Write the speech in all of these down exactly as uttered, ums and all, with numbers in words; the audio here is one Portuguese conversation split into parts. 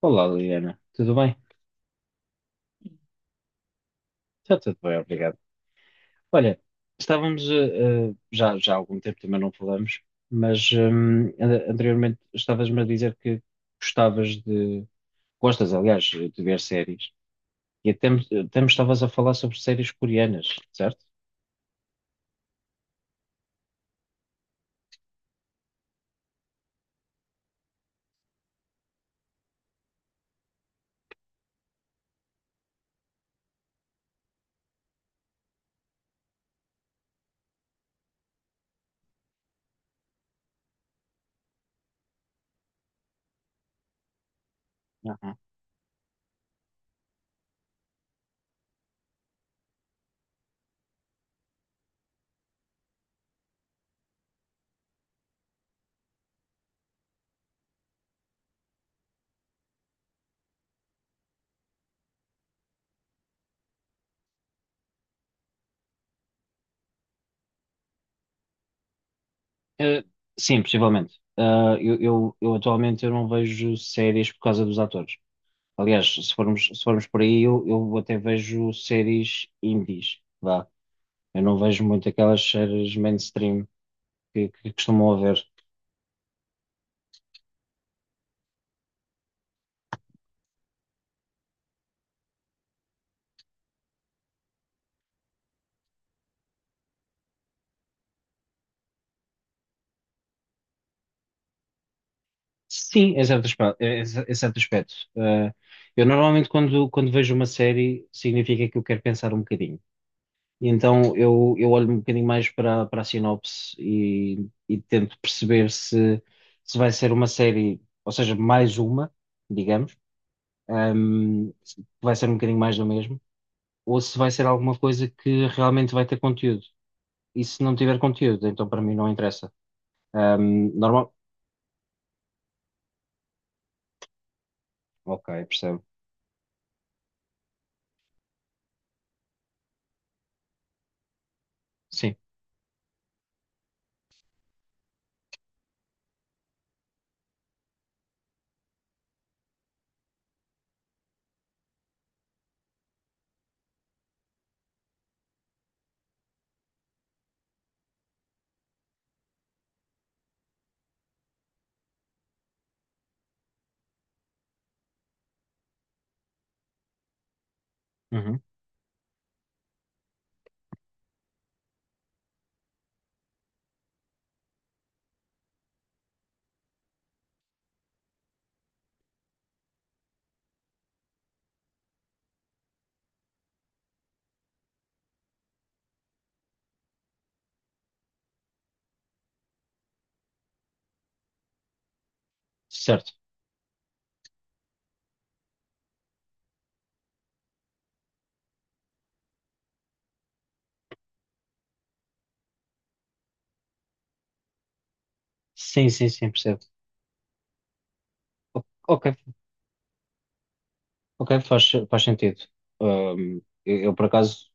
Olá, Liliana. Tudo bem? Está tudo bem, obrigado. Olha, estávamos, eh, eh, já, já há algum tempo também não falamos, mas hum, an- anteriormente estavas-me a dizer que gostavas de, gostas, aliás, de ver séries, e até, me- até me estavas a falar sobre séries coreanas, certo? Aham. Eh, sim, possivelmente. Ah, eu, eu, eu atualmente eu não vejo séries por causa dos atores. Aliás, se formos, se formos por aí, eu, eu até vejo séries indies, vá. Eu não vejo muito aquelas séries mainstream que, que costumam haver. Sim, em certo aspecto. Em em certo aspecto. Eh, eu normalmente quando, quando vejo uma série significa que eu quero pensar um bocadinho. E então eu, eu olho um bocadinho mais para, para a sinopse e, e tento perceber se, se vai ser uma série, ou seja, mais uma, digamos, ehm, se vai ser um bocadinho mais do mesmo, ou se vai ser alguma coisa que realmente vai ter conteúdo. E se não tiver conteúdo, então para mim não interessa. Ahm, normal. Ok, percebo. Sim. Uhum. Certo. Sim, sim, sim, percebo. O- Ok, ok, faz, faz sentido. Ahm, eu, eu, por acaso,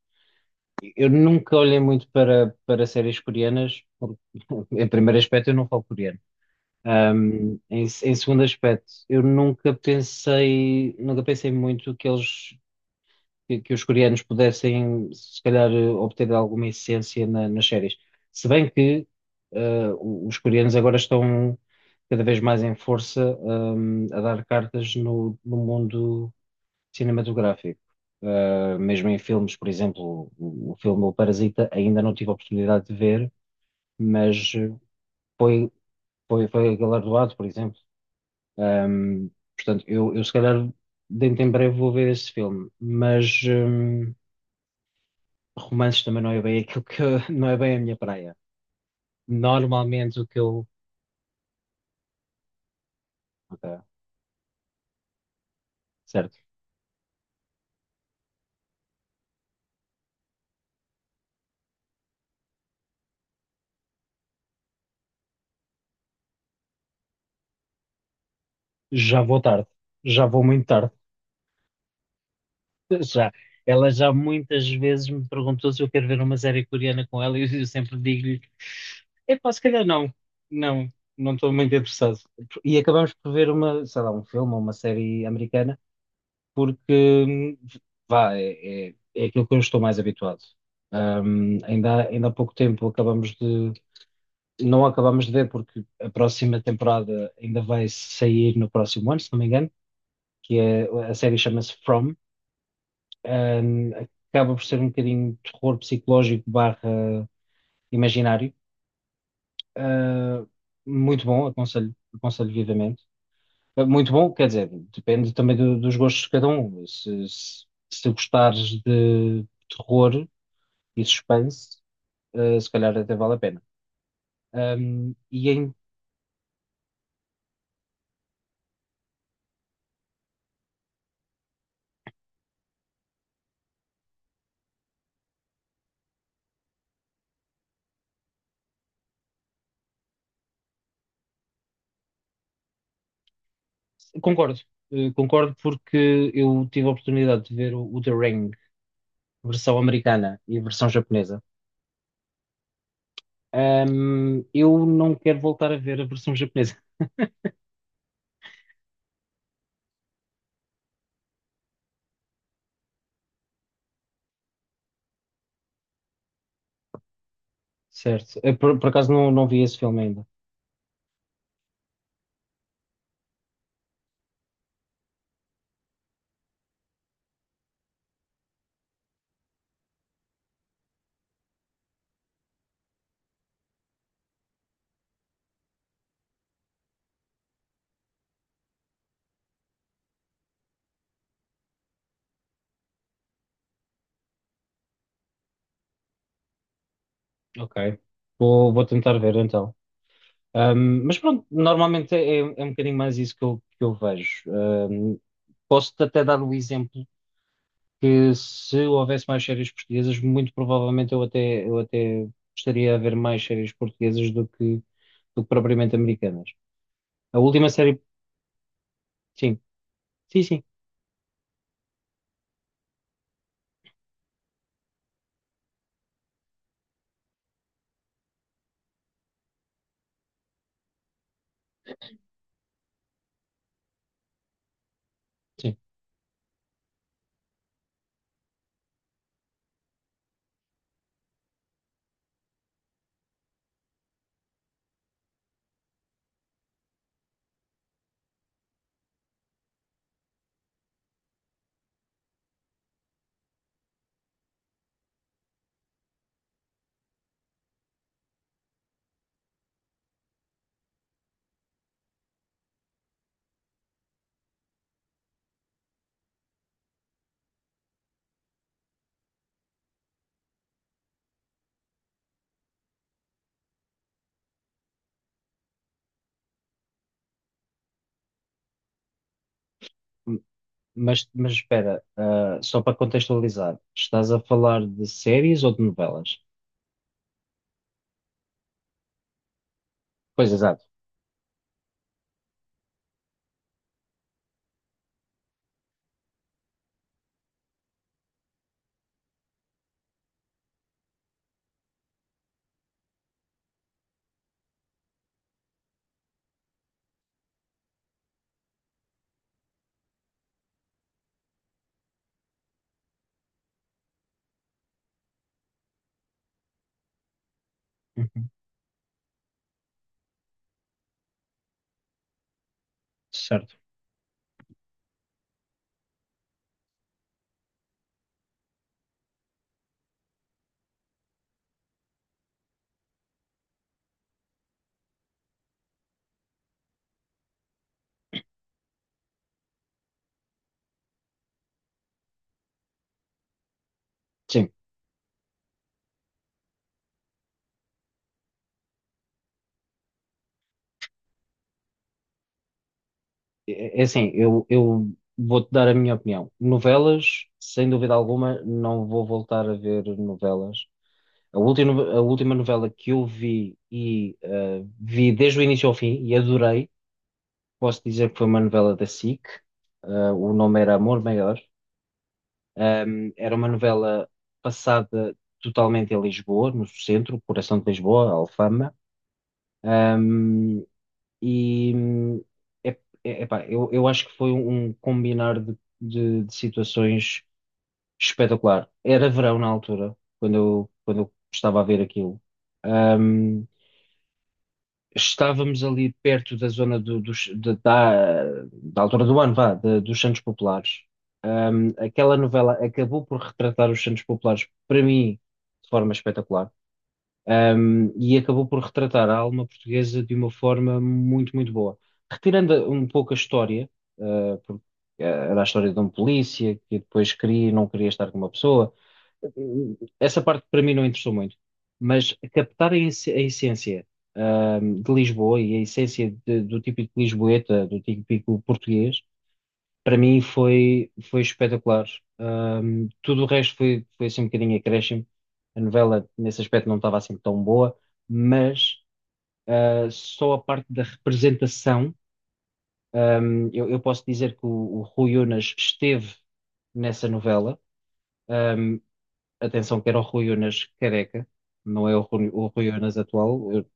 eu nunca olhei muito para, para séries coreanas, porque em primeiro aspecto, eu não falo coreano. Ahm, em, em segundo aspecto, eu nunca pensei, nunca pensei muito que eles que, que os coreanos pudessem, se calhar, eh, obter alguma essência na- nas séries. Se bem que eh, o- os coreanos agora estão cada vez mais em força, hum, a dar cartas no, no mundo cinematográfico. Eh, mesmo em filmes, por exemplo, o, o filme O Parasita ainda não tive a oportunidade de ver, mas eh, foi, foi, foi galardoado, por exemplo. Hum, Portanto, eu, eu se calhar dentro em breve vou ver esse filme, mas hum, romances também não é bem aquilo que não é bem a minha praia. Normalmente o que eu. Ok, certo. Já vou tarde. Já vou muito tarde. Já. Ela já muitas vezes me perguntou se eu quero ver uma série coreana com ela e eu eu sempre digo-lhe: epá, se calhar não. Não, não estou muito interessado. E acabamos por ver uma, sei lá, um filme ou uma série americana porque, hum, vá, é, é, é aquilo que eu estou mais habituado. Ahm, ainda, há- ainda há pouco tempo acabamos de não acabamos de ver porque a próxima temporada ainda vai sair no próximo ano, se não me engano, que é, a série chama-se From. Ahm, Acaba por ser um bocadinho de terror psicológico barra imaginário. Ah, muito bom, aconselho, aconselho vivamente. Ah, muito bom, quer dizer, depende também do- dos gostos de cada um. Se, se, se gostares de terror e suspense, ah, se calhar até vale a pena. Um, e em. Concordo, eh, concordo porque eu tive a oportunidade de ver o, o The Ring, versão americana e a versão japonesa. Ahm, eu não quero voltar a ver a versão japonesa, certo? Eh, Por, por acaso não, não vi esse filme ainda. Ok, vou, vou tentar ver então. Ahm, mas pronto, normalmente é, é um bocadinho mais isso que eu, que eu vejo. Ahm, posso-te até dar o exemplo que se houvesse mais séries portuguesas, muito provavelmente eu até, eu até gostaria de ver mais séries portuguesas do que do que propriamente americanas. A última série, sim, sim, sim, sim. M- Mas, mas espera, ah, só para contextualizar, estás a falar de séries ou de novelas? Pois, exato. Uhum. Certo. Sim, é é é assim, eu, eu vou-te dar a minha opinião. Novelas, sem dúvida alguma, não vou voltar a ver novelas. A última, a última novela que eu vi e eh, vi desde o início ao fim e adorei, posso dizer que foi uma novela da SIC, eh, o nome era Amor Maior. Ahm, era uma novela passada totalmente em Lisboa, no centro, coração de Lisboa, Alfama. Ahm, e hum, é, é- epá, eu, eu acho que foi um combinar de, de- de situações espetacular. Era verão na altura, quando eu, quando eu estava a ver aquilo. Ehm, Estávamos ali perto da zona do- dos- de- da, da altura do ano, vá, de- dos Santos Populares. Ahm, aquela novela acabou por retratar os Santos Populares, para mim, de forma espetacular. Ahm, e acabou por retratar a alma portuguesa de uma forma muito, muito boa. Retirando um pouco a história, ah, porque ah, era a história de um polícia que depois queria e não queria estar com uma pessoa, essa parte para mim não interessou muito, mas captar a, esse- a essência, ahm, de Lisboa e a essência de- do típico lisboeta, do típico português, para mim foi, foi espetacular. Ahm, tudo o resto foi, foi assim um bocadinho acréscimo. A novela, nesse aspecto, não estava assim tão boa, mas ah, só a parte da representação, ahm, eu, eu posso dizer que o, o Rui Unas esteve nessa novela. hum, Atenção que era o Rui Unas careca, não é o Rui, o Rui Unas atual. Eu,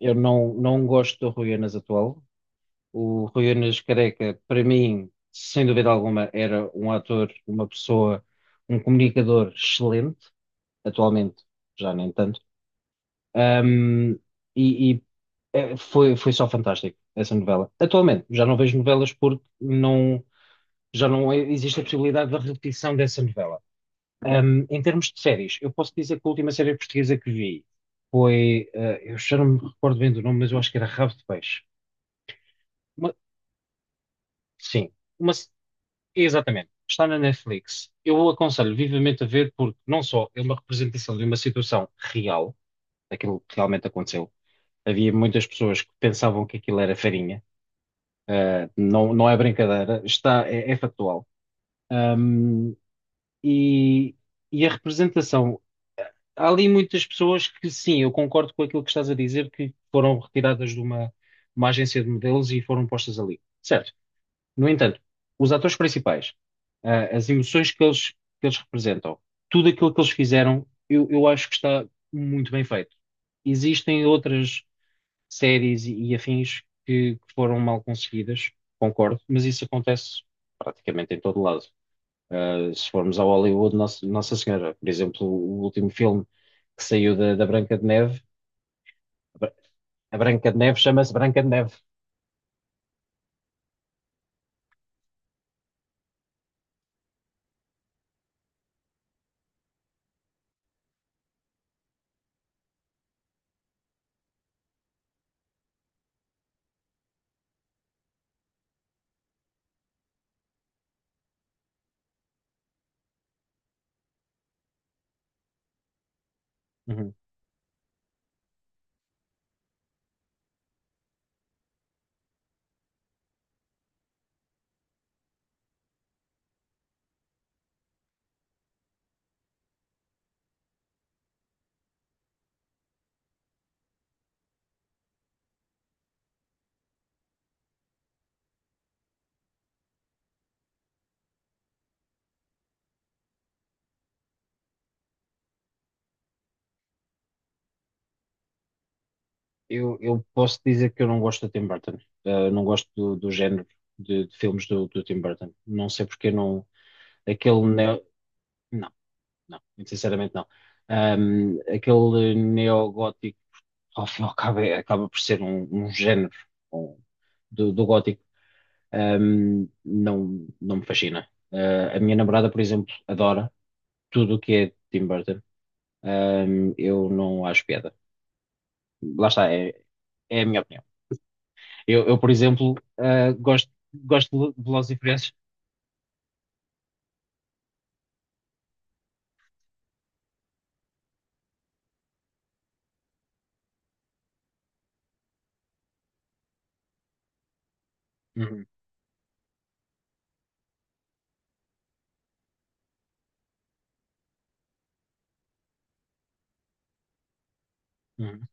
eu não, não gosto do Rui Unas atual. O Rui Unas careca, para mim, sem dúvida alguma, era um ator, uma pessoa, um comunicador excelente. Atualmente, já nem tanto. Ahm, e e, eh, foi, foi só fantástico essa novela. Atualmente, já não vejo novelas porque não, já não existe a possibilidade da repetição dessa novela. Um, em termos de séries, eu posso dizer que a última série portuguesa que vi foi, eh, eu já não me recordo bem do nome, mas eu acho que era Rabo de Peixe. Uma- sim, uma, exatamente. Está na Netflix. Eu o aconselho vivamente a ver porque não só é uma representação de uma situação real, daquilo que realmente aconteceu. Havia muitas pessoas que pensavam que aquilo era farinha. Eh, não, não é brincadeira, está, é, é factual. Um, e, e a representação há ali muitas pessoas que, sim, eu concordo com aquilo que estás a dizer, que foram retiradas de uma, uma agência de modelos e foram postas ali. Certo. No entanto, os atores principais, ah, as emoções que eles, que eles representam, tudo aquilo que eles fizeram, eu, eu acho que está muito bem feito. Existem outras séries e, e afins que, que foram mal conseguidas, concordo, mas isso acontece praticamente em todo lado. Uh, se formos ao Hollywood, Nossa, Nossa Senhora, por exemplo, o último filme que saiu da, da Branca de Neve, a Bra- a Branca de Neve chama-se Branca de Neve. Uhum. Eu, eu posso dizer que eu não gosto do Tim Burton. Uh, não gosto do, do género de, de filmes do, do Tim Burton. Não sei porque não. Aquele neo. Não, não, muito sinceramente não. Um, aquele neogótico, ao fim e ao cabo, é- acaba por ser um, um género um, do, do gótico. Um, não, não me fascina. Uh, a minha namorada, por exemplo, adora tudo o que é Tim Burton. Um, eu não acho piada. Lá está, é, é a minha opinião. Eu, eu, por exemplo, ah, gosto, gosto de Velozes e Furiosos. Uhum, uhum,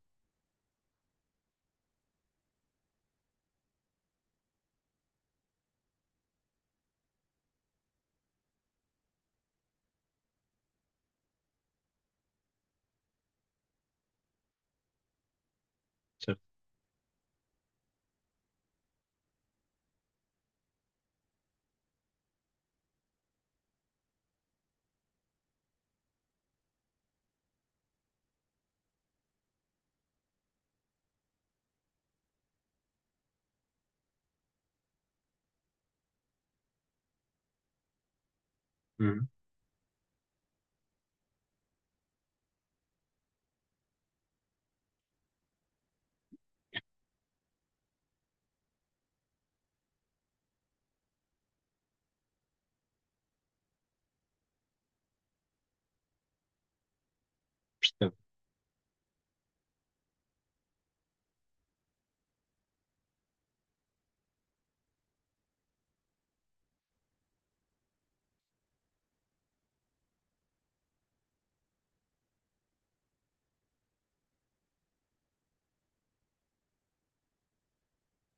certo. Uhum, percebo.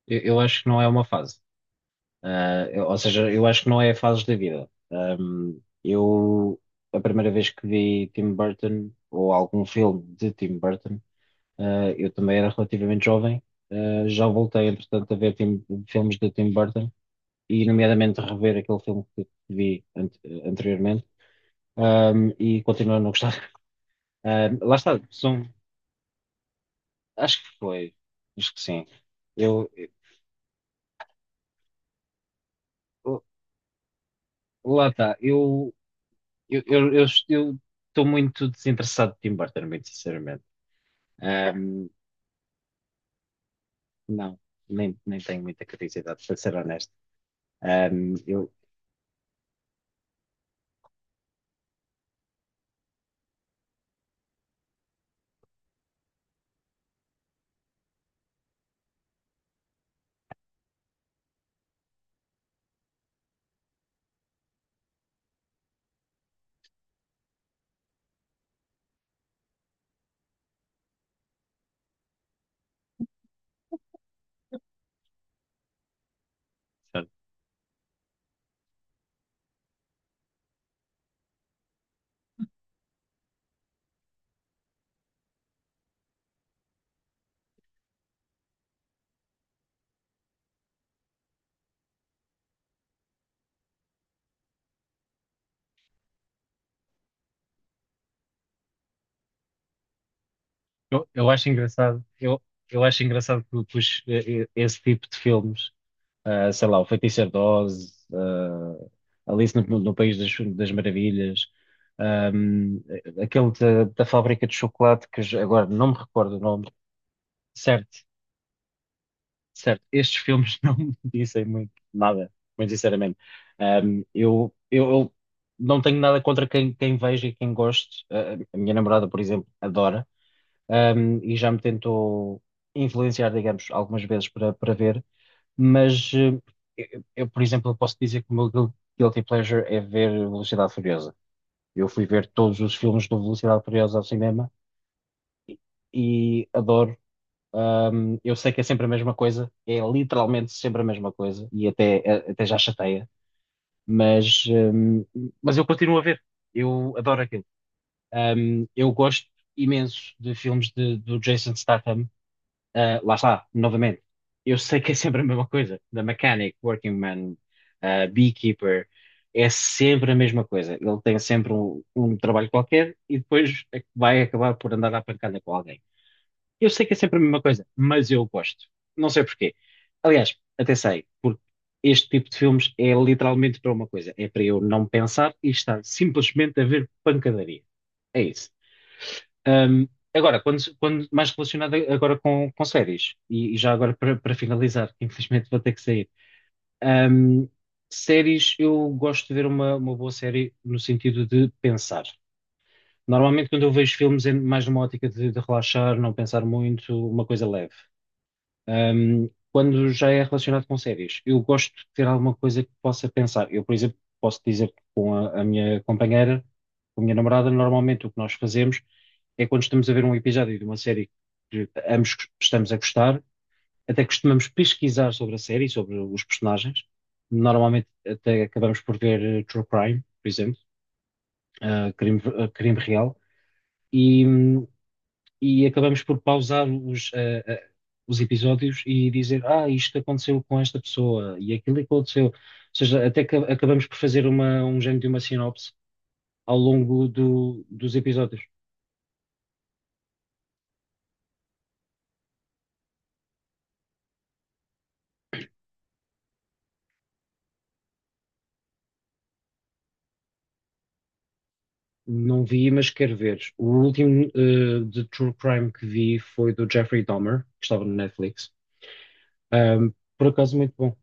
Eu, eu acho que não é uma fase. Ah, eu- ou seja, eu acho que não é a fase da vida. Ahm, eu, a primeira vez que vi Tim Burton, ou algum filme de Tim Burton, ah, eu também era relativamente jovem. Ah, já voltei, entretanto, a ver Tim- filmes de Tim Burton, e nomeadamente rever aquele filme que vi ante- anteriormente. Ahm, e continuo a não gostar. Ahm, lá está, são. Acho que foi. Acho que sim. Eu, eu- lá está. Eu, eu, eu, eu, eu estou muito desinteressado de Tim Burton, muito sinceramente. Ahm, não, nem, nem tenho muita curiosidade, para ser honesto. Ahm, eu, eu, eu acho engraçado. Eu, eu acho engraçado que, que os- esse tipo de filmes. Ah, sei lá, o Feiticeiro de Oz, ah, Alice no, no País das, das Maravilhas, ahm, aquele da, da Fábrica de Chocolate, que já- agora não me recordo o nome, certo, certo, estes filmes não me dizem muito nada, muito sinceramente. Ahm, eu, eu, eu não tenho nada contra quem, quem veja e quem goste. Ah, a minha namorada, por exemplo, adora, ahm, e já me tentou influenciar, digamos, algumas vezes para, para ver. Mas eh, eu, eu, por exemplo, eu posso dizer que o meu guil- guilty pleasure é ver Velocidade Furiosa. Eu fui ver todos os filmes do Velocidade Furiosa ao cinema e adoro. Ahm, eu sei que é sempre a mesma coisa, é literalmente sempre a mesma coisa e até, eh, até já chateia, mas ahm, mas eu continuo a ver. Eu adoro aquilo. Ahm, eu gosto imenso de filmes de- do Jason Statham. Ah, lá está, novamente. Eu sei que é sempre a mesma coisa, da mechanic, working man, ah, beekeeper, é sempre a mesma coisa. Ele tem sempre um, um trabalho qualquer e depois é que vai acabar por andar à pancada com alguém. Eu sei que é sempre a mesma coisa, mas eu gosto. Não sei porquê. Aliás, até sei, porque este tipo de filmes é literalmente para uma coisa: é para eu não pensar e estar simplesmente a ver pancadaria. É isso. Ahm, agora, quando, quando mais relacionado agora com, com séries, e, e já agora para para finalizar, que infelizmente vou ter que sair. Ahm, séries, eu gosto de ver uma, uma boa série no sentido de pensar. Normalmente, quando eu vejo filmes, é mais numa ótica de, de relaxar, não pensar muito, uma coisa leve. Um, quando já é relacionado com séries, eu gosto de ter alguma coisa que possa pensar. Eu, por exemplo, posso dizer que com a, a minha companheira, com a minha namorada, normalmente o que nós fazemos é quando estamos a ver um episódio de uma série que ambos estamos a gostar, até costumamos pesquisar sobre a série, sobre os personagens. Normalmente até acabamos por ver eh, True Crime, por exemplo, eh, crime, eh, crime real. E, hum, e acabamos por pausar os, eh, eh, os episódios e dizer, ah, isto aconteceu com esta pessoa e aquilo aconteceu. Ou seja, até que acabamos por fazer uma, um género de uma sinopse ao longo do- dos episódios. Não vi, mas quero ver. O último eh, de True Crime que vi foi do Jeffrey Dahmer, que estava no Netflix. Ahm, por acaso, muito bom.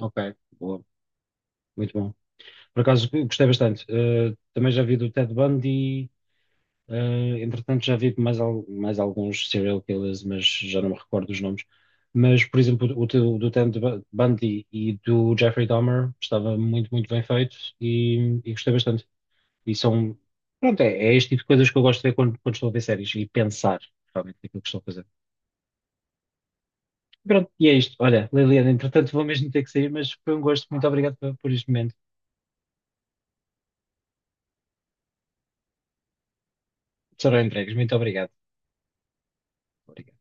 Ok, boa, muito bom. Por acaso, gostei bastante. Eh, também já vi do Ted Bundy. Eh, entretanto, já vi mais, al- mais alguns serial killers, mas já não me recordo os nomes. Mas, por exemplo, o do, do Ted Bu- Bundy e do Jeffrey Dahmer estava muito, muito bem feito e, e gostei bastante. E são, pronto, é, é este tipo de coisas que eu gosto de ver quando, quando estou a ver séries e pensar realmente naquilo que estou a fazer. Pronto, e é isto. Olha, Liliana, entretanto, vou mesmo ter que sair, mas foi um gosto. Muito obrigado por, por este momento. Serão entregues. Muito obrigado. Obrigado.